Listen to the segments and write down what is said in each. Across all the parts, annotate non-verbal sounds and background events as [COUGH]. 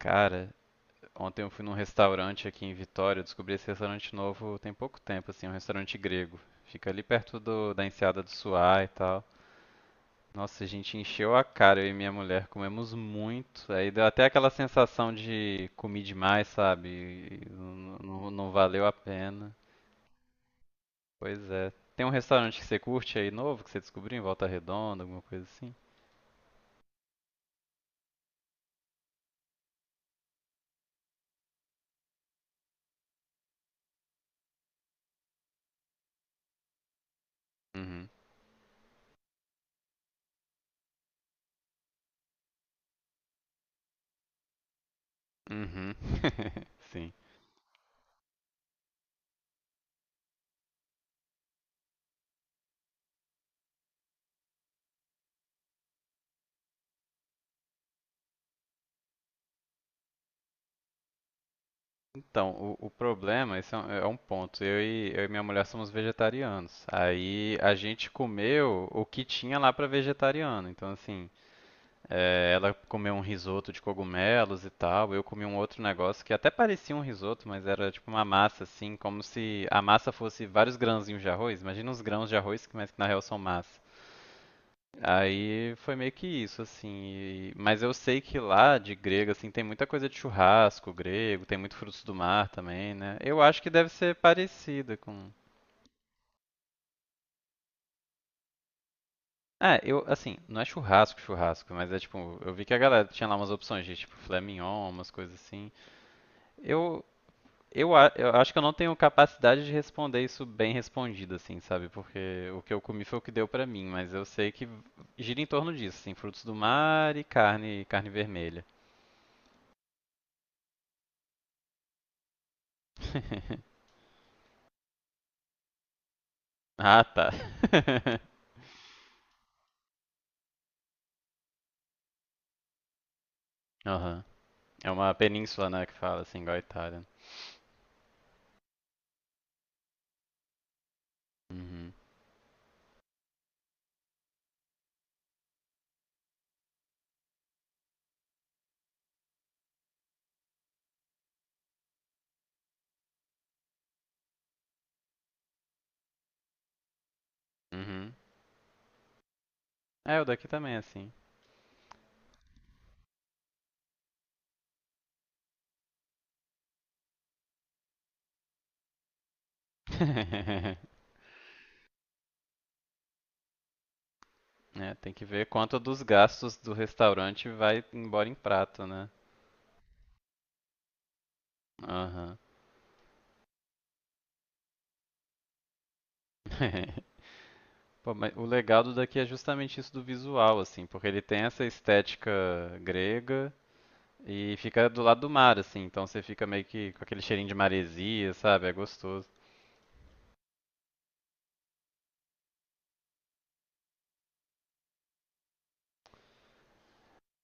Cara, ontem eu fui num restaurante aqui em Vitória, eu descobri esse restaurante novo tem pouco tempo, assim, um restaurante grego. Fica ali perto da Enseada do Suá e tal. Nossa, a gente encheu a cara, eu e minha mulher, comemos muito. Aí deu até aquela sensação de comi demais, sabe? Não valeu a pena. Pois é. Tem um restaurante que você curte aí novo, que você descobriu em Volta Redonda, alguma coisa assim? Uhum. Uhum. [LAUGHS] Sim. Então, o problema, esse é um ponto. Eu e minha mulher somos vegetarianos. Aí a gente comeu o que tinha lá para vegetariano. Então, assim, é, ela comeu um risoto de cogumelos e tal. Eu comi um outro negócio que até parecia um risoto, mas era tipo uma massa, assim, como se a massa fosse vários grãozinhos de arroz. Imagina uns grãos de arroz, mas que na real são massa. Aí foi meio que isso, assim. Mas eu sei que lá de grego, assim, tem muita coisa de churrasco grego, tem muito frutos do mar também, né? Eu acho que deve ser parecida com. Ah, eu, assim, não é churrasco, churrasco, mas é tipo, eu vi que a galera tinha lá umas opções de tipo filé mignon, umas coisas assim. Eu, eu acho que eu não tenho capacidade de responder isso bem respondido, assim, sabe? Porque o que eu comi foi o que deu pra mim, mas eu sei que gira em torno disso, assim, frutos do mar e carne, carne vermelha. [LAUGHS] Ah, tá. [LAUGHS] Aham. É uma península, né, que fala assim, igual a Itália. Uhum. Uhum. É, o daqui também é assim. [LAUGHS] É, tem que ver quanto dos gastos do restaurante vai embora em prato, né? Aham. [LAUGHS] Pô, mas o legal do daqui é justamente isso do visual, assim, porque ele tem essa estética grega e fica do lado do mar, assim, então você fica meio que com aquele cheirinho de maresia, sabe? É gostoso.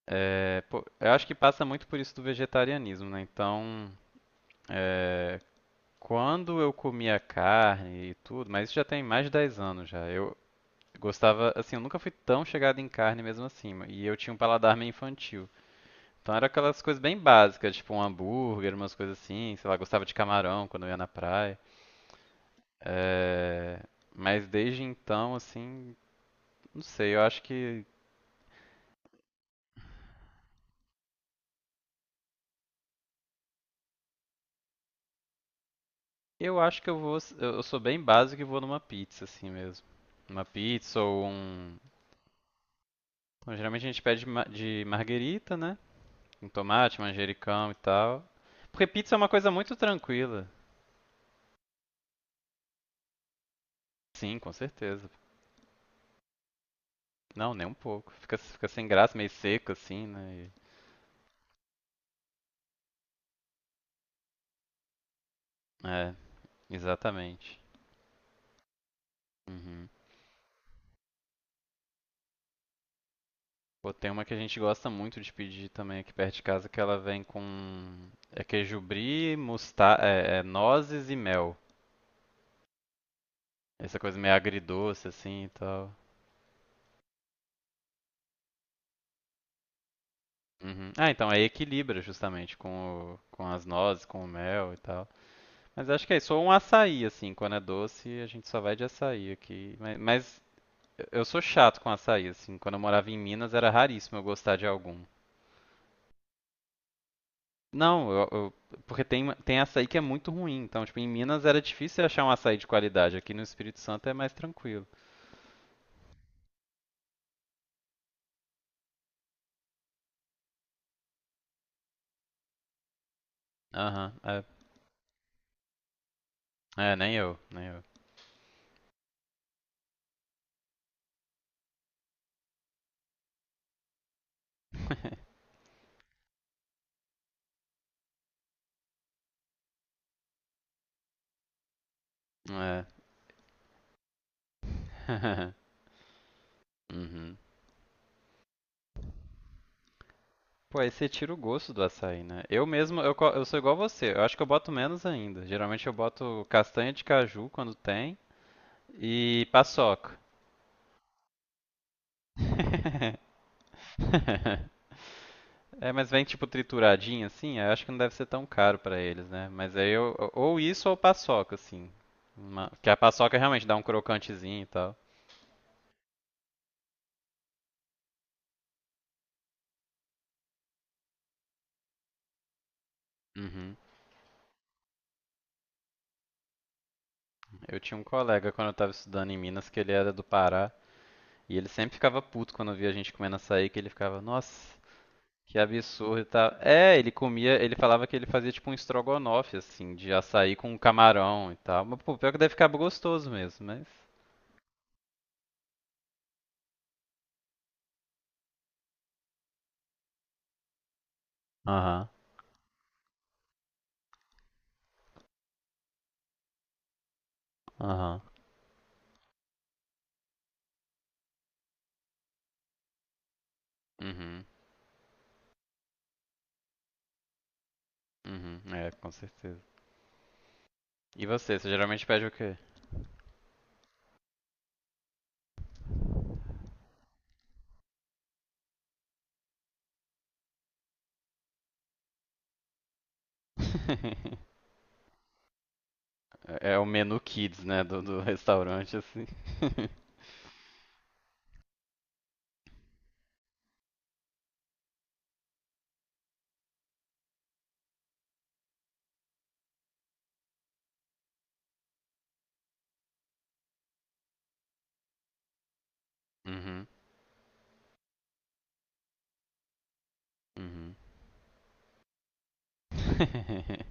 É, pô, eu acho que passa muito por isso do vegetarianismo, né? Então, é, quando eu comia carne e tudo, mas isso já tem mais de 10 anos já. Eu gostava, assim, eu nunca fui tão chegado em carne mesmo assim, e eu tinha um paladar meio infantil. Então era aquelas coisas bem básicas, tipo um hambúrguer, umas coisas assim, sei lá, gostava de camarão quando eu ia na praia. É, mas desde então, assim, não sei, eu acho que eu vou, eu sou bem básico e vou numa pizza assim mesmo. Uma pizza ou um, bom, geralmente a gente pede de marguerita, né? Com tomate, manjericão e tal. Porque pizza é uma coisa muito tranquila. Sim, com certeza. Não, nem um pouco. Fica, fica sem graça, meio seco assim, né? E- é, exatamente. Uhum. Pô, tem uma que a gente gosta muito de pedir também aqui perto de casa, que ela vem com é queijo brie, nozes e mel. Essa coisa meio agridoce assim e tal. Uhum. Ah, então aí equilibra justamente com com as nozes, com o mel e tal. Mas acho que é isso. Ou um açaí, assim, quando é doce, a gente só vai de açaí aqui. Mas eu sou chato com açaí, assim. Quando eu morava em Minas, era raríssimo eu gostar de algum. Não, porque tem, tem açaí que é muito ruim. Então, tipo, em Minas era difícil achar um açaí de qualidade. Aqui no Espírito Santo é mais tranquilo. Aham, é. É, nem eu, nem eu. [LAUGHS] É. [LAUGHS] Uhum. Pô, aí você tira o gosto do açaí, né? Eu mesmo, eu, eu sou igual você. Eu acho que eu boto menos ainda. Geralmente eu boto castanha de caju quando tem. E paçoca. [LAUGHS] É, mas vem tipo trituradinho assim? Eu acho que não deve ser tão caro pra eles, né? Mas aí eu, ou isso ou paçoca, assim. Uma, que a paçoca realmente dá um crocantezinho e tal. Uhum. Eu tinha um colega quando eu tava estudando em Minas que ele era do Pará. E ele sempre ficava puto quando via a gente comendo açaí, que ele ficava, nossa, que absurdo e tal. É, ele comia, ele falava que ele fazia tipo um estrogonofe, assim, de açaí com camarão e tal. Mas, pô, pior que deve ficar gostoso mesmo, mas. Aham. Aham. Uhum, uhum, é, com certeza. E você, você geralmente pede o quê? [LAUGHS] É o menu kids, né, do restaurante, assim. [LAUGHS] Uhum, uhum. [LAUGHS]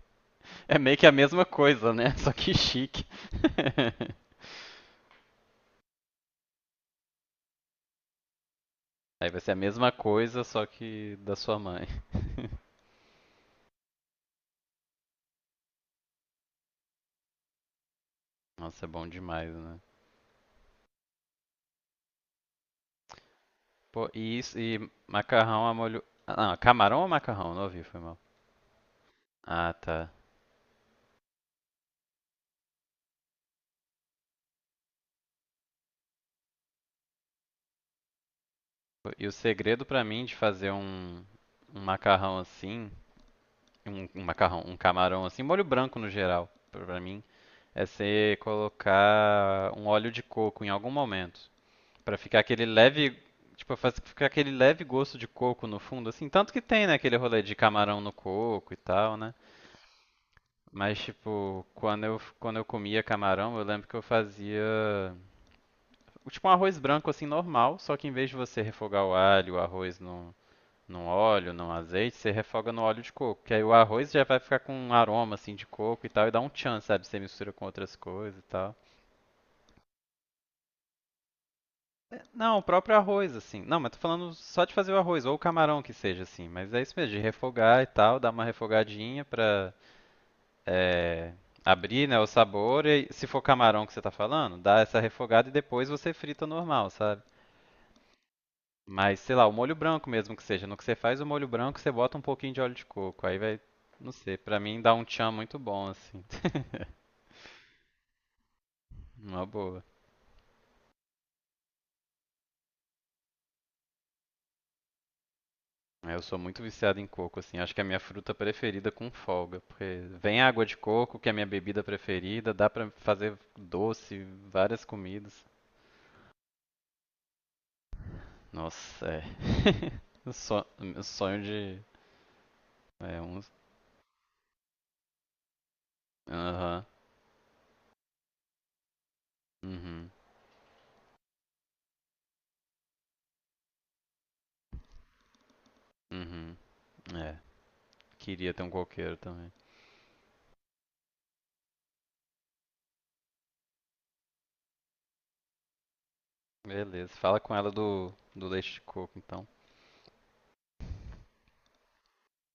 É meio que a mesma coisa, né, só que chique. [LAUGHS] Aí vai ser a mesma coisa, só que da sua mãe. [LAUGHS] Nossa, é bom demais, né? Pô, e, isso, e macarrão a molho... Ah, não, camarão ou macarrão? Não ouvi, foi mal. Ah, tá. E o segredo pra mim de fazer um, um macarrão assim, um macarrão, um camarão assim, molho branco no geral, pra mim, é você colocar um óleo de coco em algum momento, pra ficar aquele leve, tipo, ficar aquele leve gosto de coco no fundo, assim, tanto que tem, né, aquele rolê de camarão no coco e tal, né? Mas tipo, quando eu comia camarão, eu lembro que eu fazia tipo um arroz branco assim normal, só que em vez de você refogar o alho, o arroz no no óleo, no azeite, você refoga no óleo de coco. Que aí o arroz já vai ficar com um aroma assim de coco e tal, e dá um tchan, sabe? Você mistura com outras coisas e tal. Não, o próprio arroz, assim. Não, mas tô falando só de fazer o arroz, ou o camarão que seja, assim. Mas é isso mesmo, de refogar e tal, dar uma refogadinha pra é, abrir, né, o sabor. E se for camarão que você tá falando, dá essa refogada e depois você frita normal, sabe? Mas, sei lá, o molho branco mesmo que seja. No que você faz o molho branco, você bota um pouquinho de óleo de coco. Aí vai, não sei, pra mim dá um tchan muito bom, assim. [LAUGHS] Uma boa. É, eu sou muito viciado em coco, assim. Acho que é a minha fruta preferida com folga. Porque vem água de coco, que é a minha bebida preferida. Dá pra fazer doce, várias comidas. Nossa, é. [LAUGHS] Meu sonho de. É, uns. Aham. Uhum. Uhum. É. Queria ter um coqueiro também. Beleza, fala com ela do leite de coco, então.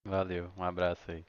Valeu, um abraço aí.